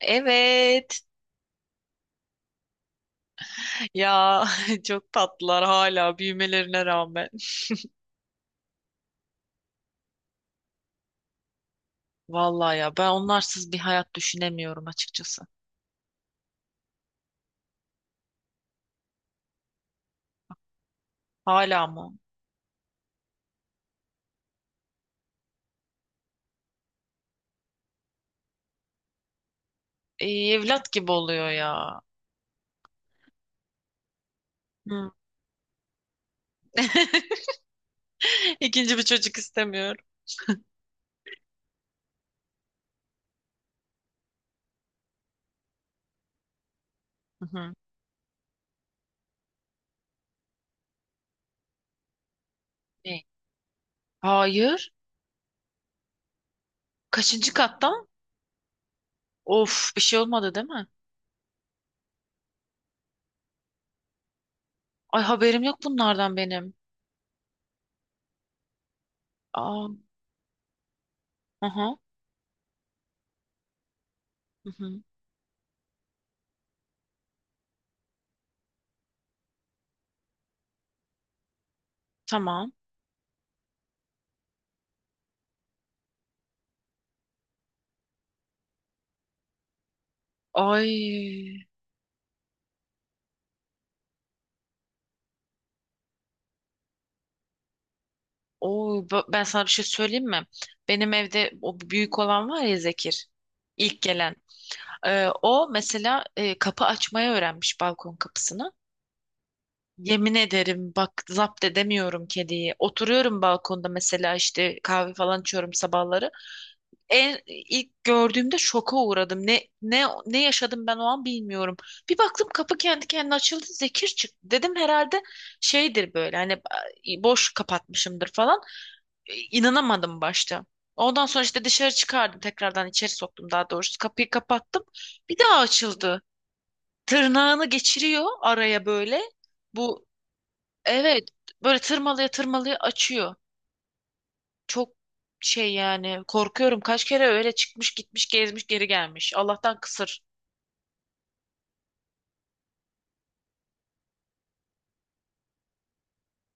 Evet. Ya çok tatlılar hala büyümelerine rağmen. Vallahi ya ben onlarsız bir hayat düşünemiyorum açıkçası. Hala mı? Evlat gibi oluyor ya. Hı. İkinci bir çocuk istemiyorum. Hı hı. Ne? Hayır. Kaçıncı katta? Of, bir şey olmadı değil mi? Ay, haberim yok bunlardan benim. Aa, aha, hı hı. Tamam. Ay, oo, ben sana bir şey söyleyeyim mi? Benim evde o büyük olan var ya, Zekir. İlk gelen. O mesela, kapı açmayı öğrenmiş, balkon kapısını. Yemin ederim, bak, zapt edemiyorum kediyi. Oturuyorum balkonda mesela, işte kahve falan içiyorum sabahları. En ilk gördüğümde şoka uğradım. Ne ne ne yaşadım ben o an bilmiyorum. Bir baktım kapı kendi kendine açıldı. Zekir çıktı. Dedim herhalde şeydir böyle, hani boş kapatmışımdır falan, inanamadım başta. Ondan sonra işte dışarı çıkardım, tekrardan içeri soktum, daha doğrusu kapıyı kapattım. Bir daha açıldı. Tırnağını geçiriyor araya böyle. Bu, evet, böyle tırmalaya tırmalaya açıyor. Çok şey yani, korkuyorum, kaç kere öyle çıkmış gitmiş gezmiş geri gelmiş. Allah'tan kısır.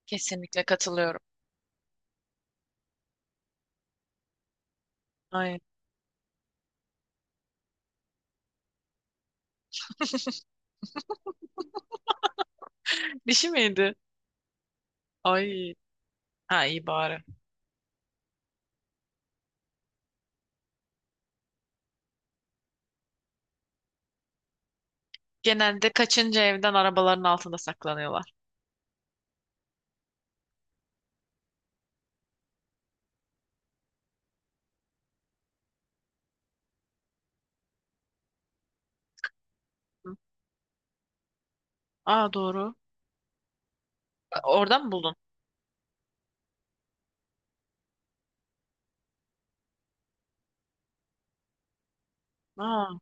Kesinlikle katılıyorum. Ay. Dişi miydi? Ay. Ha, iyi bari. Genelde kaçınca evden arabaların altında saklanıyorlar. Hı. Aa, doğru. Oradan mı buldun? Aa.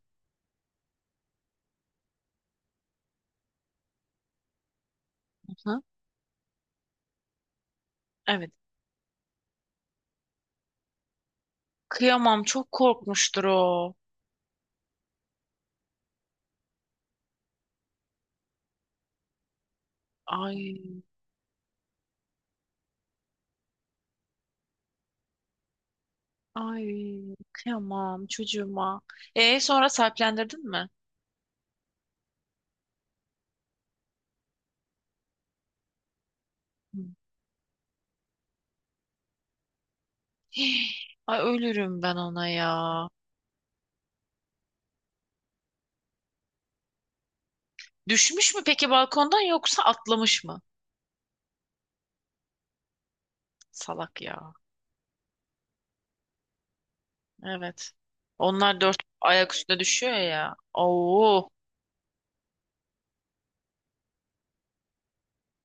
Hı? Evet. Kıyamam. Çok korkmuştur o. Ay, ay, kıyamam çocuğuma. E sonra sahiplendirdin mi? Hı. Hii, ay ölürüm ben ona ya. Düşmüş mü peki balkondan, yoksa atlamış mı? Salak ya. Evet. Onlar dört ayak üstüne düşüyor ya. Oo.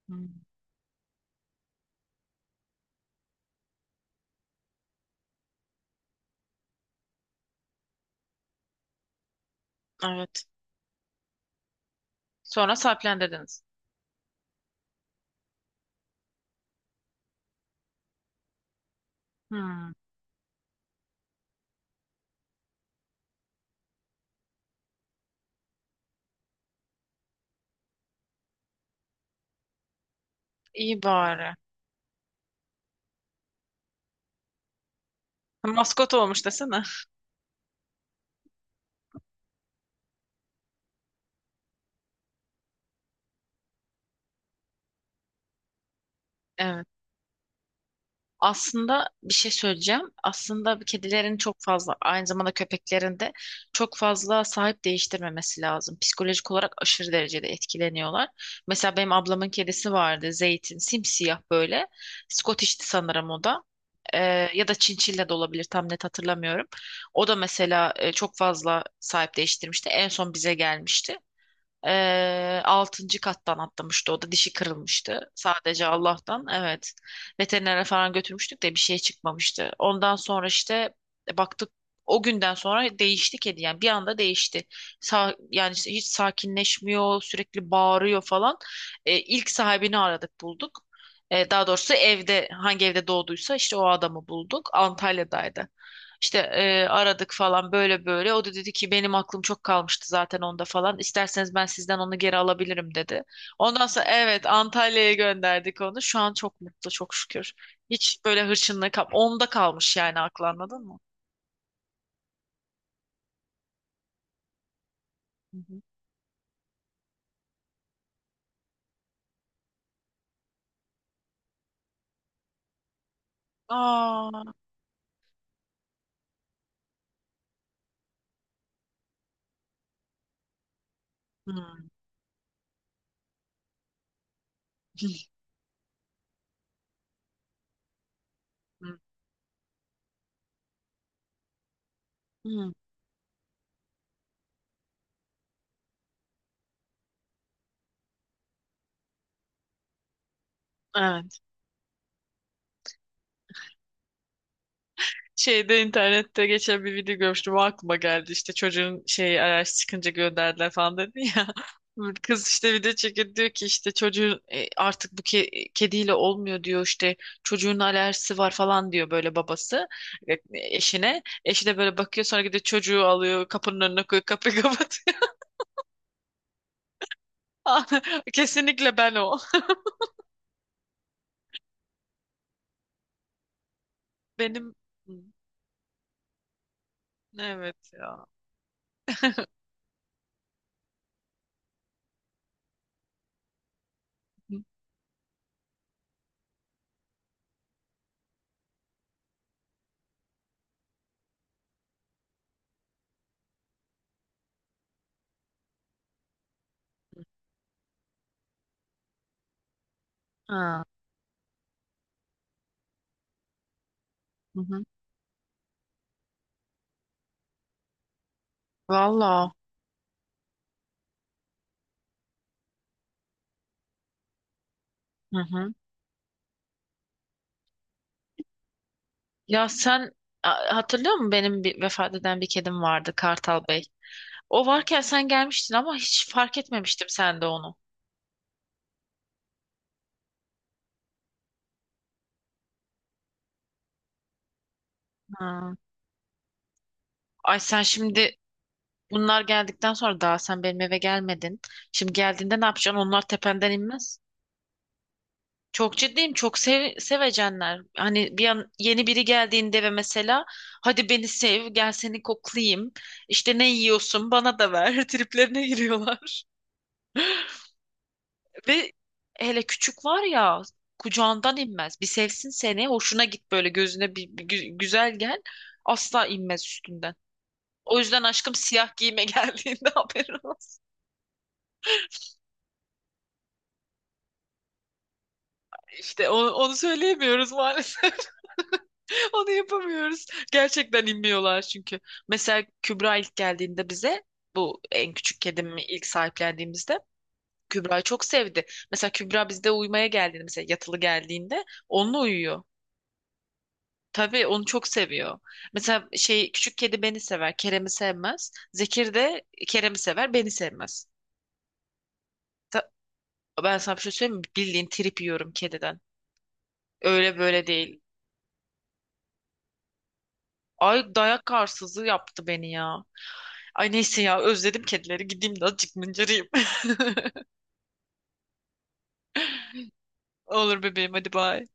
Hı. Evet. Sonra sahiplendirdiniz. Hı. İyi bari. Maskot olmuş desene. Evet. Aslında bir şey söyleyeceğim. Aslında kedilerin çok fazla, aynı zamanda köpeklerin de çok fazla sahip değiştirmemesi lazım. Psikolojik olarak aşırı derecede etkileniyorlar. Mesela benim ablamın kedisi vardı, Zeytin, simsiyah böyle. Scottish'ti sanırım o da. Ee, ya da Çinçilla da olabilir, tam net hatırlamıyorum. O da mesela, çok fazla sahip değiştirmişti. En son bize gelmişti. Altıncı kattan atlamıştı o da, dişi kırılmıştı sadece, Allah'tan, evet, veterinere falan götürmüştük de bir şey çıkmamıştı. Ondan sonra işte, baktık, o günden sonra değişti kedi, yani bir anda değişti. Sa yani işte hiç sakinleşmiyor, sürekli bağırıyor falan. İlk sahibini aradık, bulduk. Daha doğrusu evde, hangi evde doğduysa işte o adamı bulduk, Antalya'daydı. İşte aradık falan, böyle böyle. O da dedi ki benim aklım çok kalmıştı zaten onda falan. İsterseniz ben sizden onu geri alabilirim dedi. Ondan sonra evet, Antalya'ya gönderdik onu. Şu an çok mutlu, çok şükür. Hiç böyle hırçınlığı kal onda kalmış yani, aklı, anladın mı? Hı hı. Aa. Hmm. Hı. Evet. Şeyde, internette geçen bir video görmüştüm, o aklıma geldi, işte çocuğun şey, araç çıkınca gönderdiler falan dedi ya. Kız işte video çekiyor, diyor ki işte çocuğun, artık bu kediyle olmuyor diyor işte, çocuğun alerjisi var falan diyor böyle babası, e, eşine, eşi de böyle bakıyor, sonra gidiyor çocuğu alıyor, kapının önüne koyuyor, kapıyı kapatıyor. Kesinlikle ben o, benim, evet ya. Hı. Ha. Hı hı. Valla. Ya sen, hatırlıyor musun benim bir vefat eden bir kedim vardı, Kartal Bey. O varken sen gelmiştin ama hiç fark etmemiştim sen de onu. Ha. Ay sen şimdi, bunlar geldikten sonra daha sen benim eve gelmedin. Şimdi geldiğinde ne yapacaksın? Onlar tependen inmez. Çok ciddiyim. Çok sev, sevecenler. Hani bir an yeni biri geldiğinde ve mesela, hadi beni sev, gel seni koklayayım. İşte ne yiyorsun, bana da ver. Triplerine giriyorlar. Ve hele küçük var ya, kucağından inmez. Bir sevsin seni, hoşuna git böyle, gözüne bir, bir güzel gel. Asla inmez üstünden. O yüzden aşkım, siyah giyime geldiğinde haberin olsun. İşte onu, onu söyleyemiyoruz maalesef. Onu yapamıyoruz. Gerçekten inmiyorlar çünkü. Mesela Kübra ilk geldiğinde bize, bu en küçük kedimi ilk sahiplendiğimizde, Kübra'yı çok sevdi. Mesela Kübra bizde uyumaya geldiğinde, mesela yatılı geldiğinde, onunla uyuyor. Tabii onu çok seviyor. Mesela şey, küçük kedi beni sever, Kerem'i sevmez. Zekir de Kerem'i sever, beni sevmez. Ta- ben sana bir şey söyleyeyim mi? Bildiğin trip yiyorum kediden. Öyle böyle değil. Ay, dayak arsızı yaptı beni ya. Ay neyse ya, özledim kedileri. Gideyim de azıcık mıncırayım. Olur bebeğim, hadi bay.